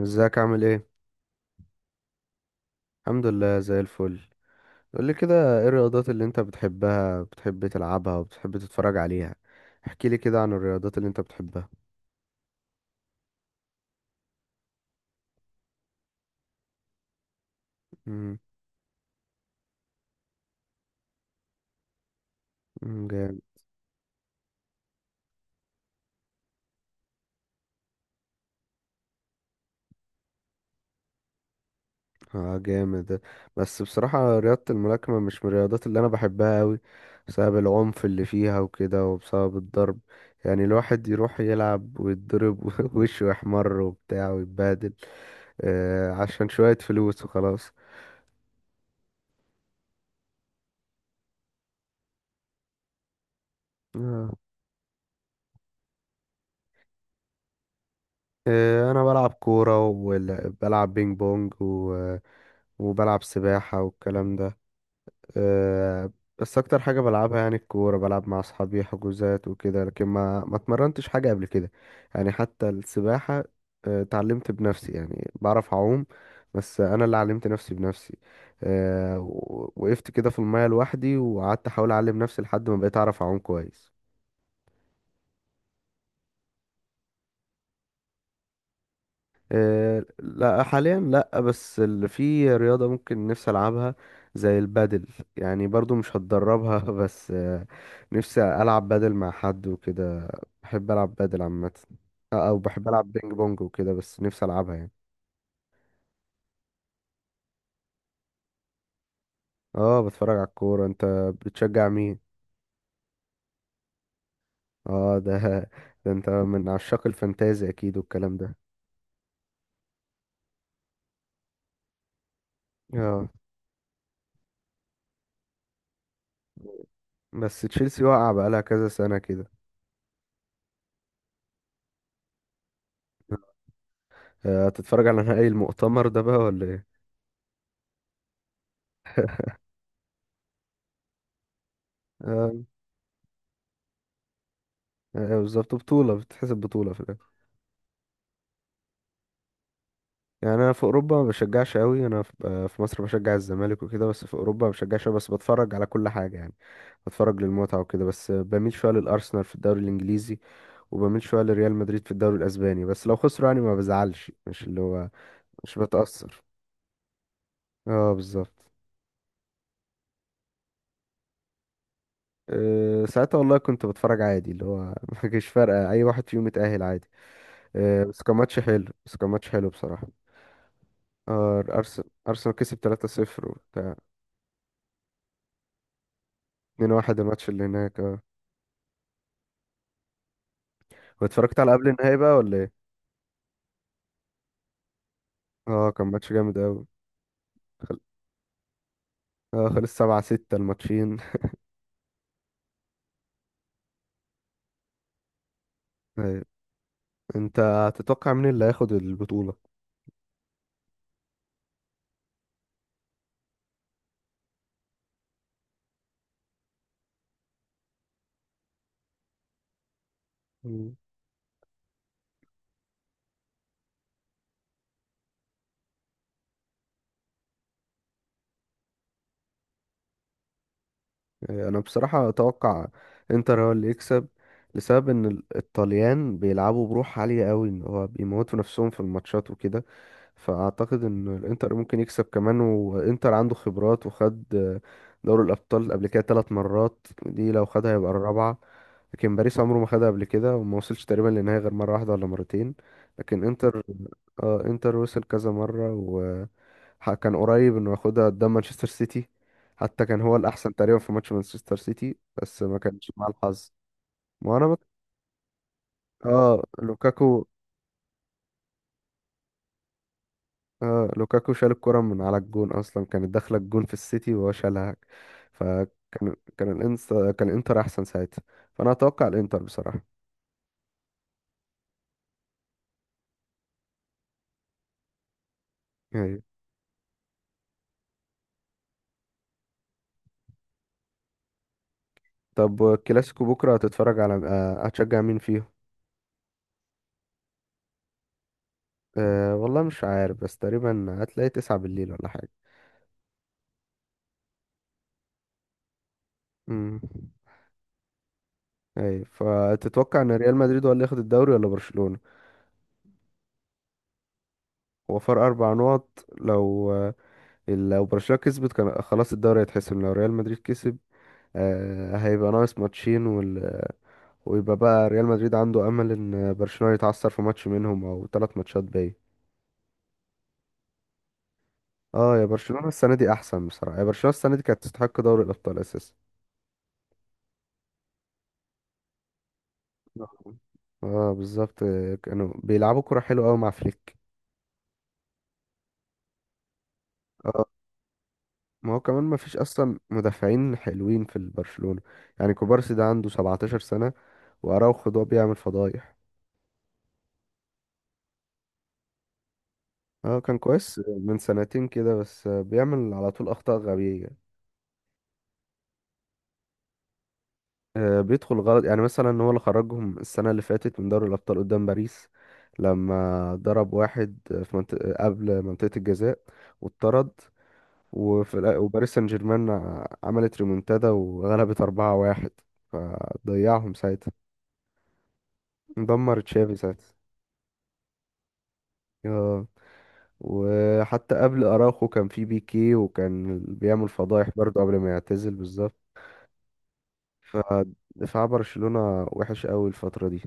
ازيك عامل ايه؟ الحمد لله زي الفل. قول لي كده ايه الرياضات اللي انت بتحبها، بتحب تلعبها وبتحب تتفرج عليها؟ احكي لي كده عن الرياضات اللي انت بتحبها. امم جامد. اه جامد. بس بصراحة رياضة الملاكمة مش من الرياضات اللي انا بحبها قوي، بسبب العنف اللي فيها وكده وبسبب الضرب. يعني الواحد يروح يلعب ويتضرب ووشه يحمر وبتاع ويتبهدل، عشان شوية فلوس وخلاص. آه. انا بلعب كوره وبلعب بينج بونج وبلعب سباحه والكلام ده. آه، بس اكتر حاجه بلعبها يعني الكوره، بلعب مع اصحابي حجوزات وكده لكن ما اتمرنتش حاجه قبل كده. يعني حتى السباحه، اتعلمت بنفسي يعني بعرف اعوم، بس انا اللي علمت نفسي بنفسي. وقفت كده في الميه لوحدي وقعدت احاول اعلم نفسي لحد ما بقيت اعرف اعوم كويس. لا حاليا لا، بس اللي في رياضة ممكن نفسي ألعبها زي البادل، يعني برضو مش هتدربها بس نفسي ألعب بادل مع حد وكده، بحب ألعب بادل عامة. أو بحب ألعب بينج بونج وكده بس نفسي ألعبها يعني. اه بتفرج على الكورة، انت بتشجع مين؟ اه ده ده انت من عشاق الفانتازي أكيد والكلام ده. اه بس تشيلسي واقعة بقالها كذا سنة كده. هتتفرج على نهائي المؤتمر ده بقى ولا ايه؟ آه، ايوه بالظبط، بطولة بتتحسب بطولة في الآخر. يعني أنا في أوروبا ما بشجعش أوي، أنا في في مصر بشجع الزمالك وكده بس في أوروبا ما بشجعش أوي، بس بتفرج على كل حاجة يعني، بتفرج للمتعة وكده بس، بميل شوية للأرسنال في الدوري الإنجليزي وبميل شوية لريال مدريد في الدوري الأسباني، بس لو خسروا يعني ما بزعلش، مش اللي هو مش بتأثر. اه بالظبط. ساعتها والله كنت بتفرج عادي اللي هو ما كانش فارقة أي واحد فيهم يتأهل، عادي. بس كان ماتش حلو، بس كان ماتش حلو بصراحة. آه، أرس- أرسنال كسب 3-0. 2-1 الماتش اللي هناك، اه. واتفرجت على قبل النهائي بقى ولا ايه؟ اه كان ماتش جامد اوي. خل... اه خلص 7-6 الماتشين. أيوة. انت تتوقع مين اللي هياخد البطولة؟ مم. انا بصراحة اتوقع انتر هو اللي يكسب، لسبب ان الطليان بيلعبوا بروح عالية اوي، ان هو بيموتوا نفسهم في الماتشات وكده، فاعتقد ان الانتر ممكن يكسب كمان. وانتر عنده خبرات، وخد دوري الابطال قبل كده 3 مرات، دي لو خدها هيبقى الرابعه. لكن باريس عمره ما خدها قبل كده، وما وصلش تقريبا للنهائي غير مره واحده ولا مرتين. لكن انتر، اه انتر وصل كذا مره كان قريب انه ياخدها قدام مانشستر سيتي، حتى كان هو الاحسن تقريبا في ماتش مانشستر سيتي بس ما كانش مع الحظ. ما انا بك... اه لوكاكو. اه لوكاكو شال الكرة من على الجون، اصلا كانت داخلة الجون في السيتي وهو شالها، فكان كان الانستا كان الانتر احسن ساعتها. فانا اتوقع الانتر بصراحة. ايوه. طب الكلاسيكو بكرة هتتفرج على آه، هتشجع مين فيهم؟ والله مش عارف، بس تقريبا هتلاقي 9 بالليل ولا حاجة. امم ايوه، فتتوقع ان ريال مدريد هو اللي ياخد الدوري ولا برشلونة؟ هو فرق 4 نقط، لو برشلونة كسبت كان خلاص الدوري هيتحسم، لو ريال مدريد كسب هيبقى ناقص ماتشين، ويبقى بقى ريال مدريد عنده امل ان برشلونة يتعثر في ماتش منهم او 3 ماتشات باقي. اه يا برشلونة السنة دي احسن بصراحة، يا برشلونة السنة دي كانت تستحق دوري الابطال اساسا. آه. اه بالظبط، كانوا بيلعبوا كرة حلوة قوي مع فليك. اه ما هو كمان ما فيش اصلا مدافعين حلوين في البرشلونة، يعني كوبارسي ده عنده 17 سنة، واراوخو ده بيعمل فضايح. اه كان كويس من سنتين كده بس بيعمل على طول اخطاء غبية، بيدخل غلط. يعني مثلا هو اللي خرجهم السنة اللي فاتت من دوري الأبطال قدام باريس، لما ضرب واحد في منطقة قبل منطقة الجزاء واتطرد، وباريس سان جيرمان عملت ريمونتادا وغلبت 4-1، فضيعهم ساعتها، دمر تشافي ساعتها. آه، وحتى قبل أراخو كان في بيكي وكان بيعمل فضايح برضه قبل ما يعتزل بالظبط. فدفاع برشلونة وحش قوي الفترة دي.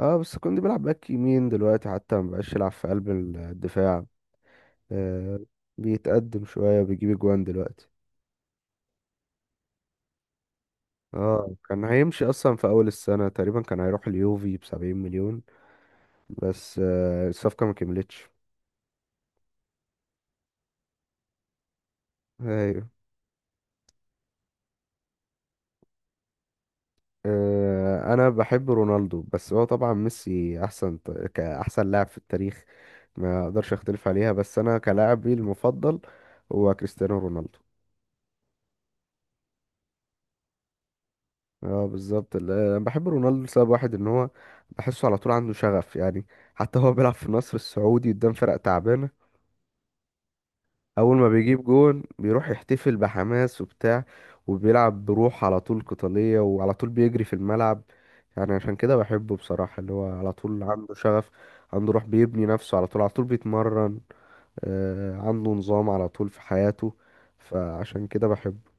اه بس كوندي بيلعب باك يمين دلوقتي، حتى ما بقاش يلعب في قلب الدفاع، آه بيتقدم شوية وبيجيب اجوان دلوقتي. اه كان هيمشي اصلا في اول السنة، تقريبا كان هيروح اليوفي ب70 مليون، بس الصفقة ما كملتش. ايوه. انا بحب رونالدو بس هو طبعا ميسي احسن، كاحسن لاعب في التاريخ ما اقدرش اختلف عليها، بس انا كلاعبي المفضل هو كريستيانو رونالدو. اه بالظبط. انا بحب رونالدو لسبب واحد ان هو بحسه على طول عنده شغف، يعني حتى هو بيلعب في النصر السعودي قدام فرق تعبانه، اول ما بيجيب جون بيروح يحتفل بحماس وبتاع، وبيلعب بروح على طول قتاليه وعلى طول بيجري في الملعب. يعني عشان كده بحبه بصراحه، اللي هو على طول عنده شغف، عنده روح، بيبني نفسه على طول، على طول بيتمرن، عنده نظام على طول في حياته، فعشان كده بحبه.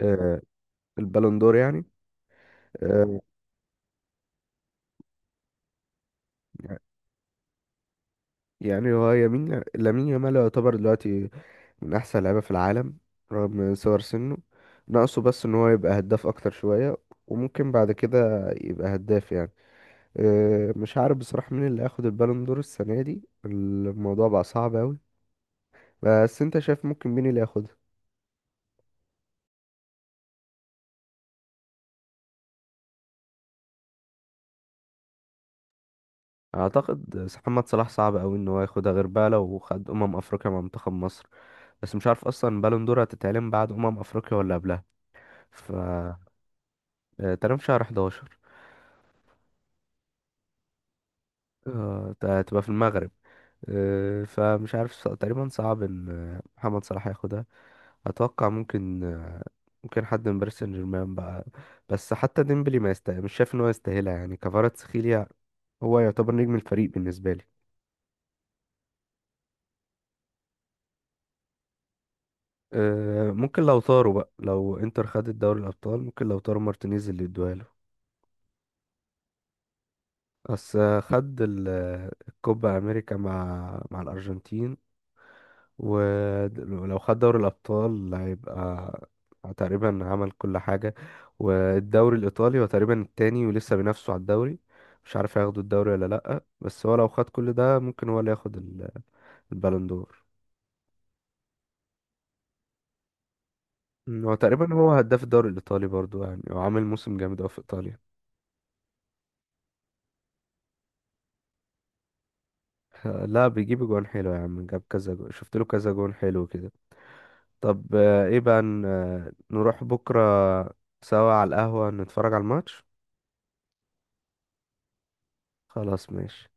آه البالون دور يعني. آه، يعني هو يمين لامين يامال يعتبر دلوقتي من احسن لعيبه في العالم رغم صغر سنه، ناقصه بس ان هو يبقى هداف اكتر شويه، وممكن بعد كده يبقى هداف يعني. مش عارف بصراحه مين اللي هياخد البالون دور السنه دي، الموضوع بقى صعب قوي. بس انت شايف ممكن مين اللي ياخدها؟ اعتقد محمد صلاح صعب قوي ان هو ياخدها، غير بقى لو خد افريقيا مع منتخب مصر. بس مش عارف اصلا بالون دور هتتعلن بعد افريقيا ولا قبلها. ف تقريبا في شهر 11، هتبقى في المغرب. فمش عارف، تقريبا صعب ان محمد صلاح ياخدها. اتوقع ممكن ممكن حد من باريس سان جيرمان بقى، بس حتى ديمبلي ما يستاهل، مش شايف ان هو يستاهلها، يعني كفاراتسخيليا هو يعتبر نجم الفريق بالنسبه لي. ممكن لو طاروا بقى، لو انتر خدت دوري الابطال ممكن لو طاروا مارتينيز اللي يدوها له. بس خد الكوبا امريكا مع الارجنتين، ولو خد دوري الأبطال هيبقى تقريبا عمل كل حاجة. والدوري الإيطالي هو تقريبا التاني، ولسه بينافسوا على الدوري، مش عارف هياخدوا الدوري ولا لأ، بس هو لو خد كل ده ممكن هو اللي ياخد البالون دور. هو تقريبا هو هداف الدوري الإيطالي برضو يعني، هو عامل موسم جامد أوي في إيطاليا. لا بيجيب جوان حلو يا عم، جاب كذا جون، شفت له كذا جون حلو كده. طب ايه بقى نروح بكرة سوا على القهوة نتفرج على الماتش. خلاص ماشي.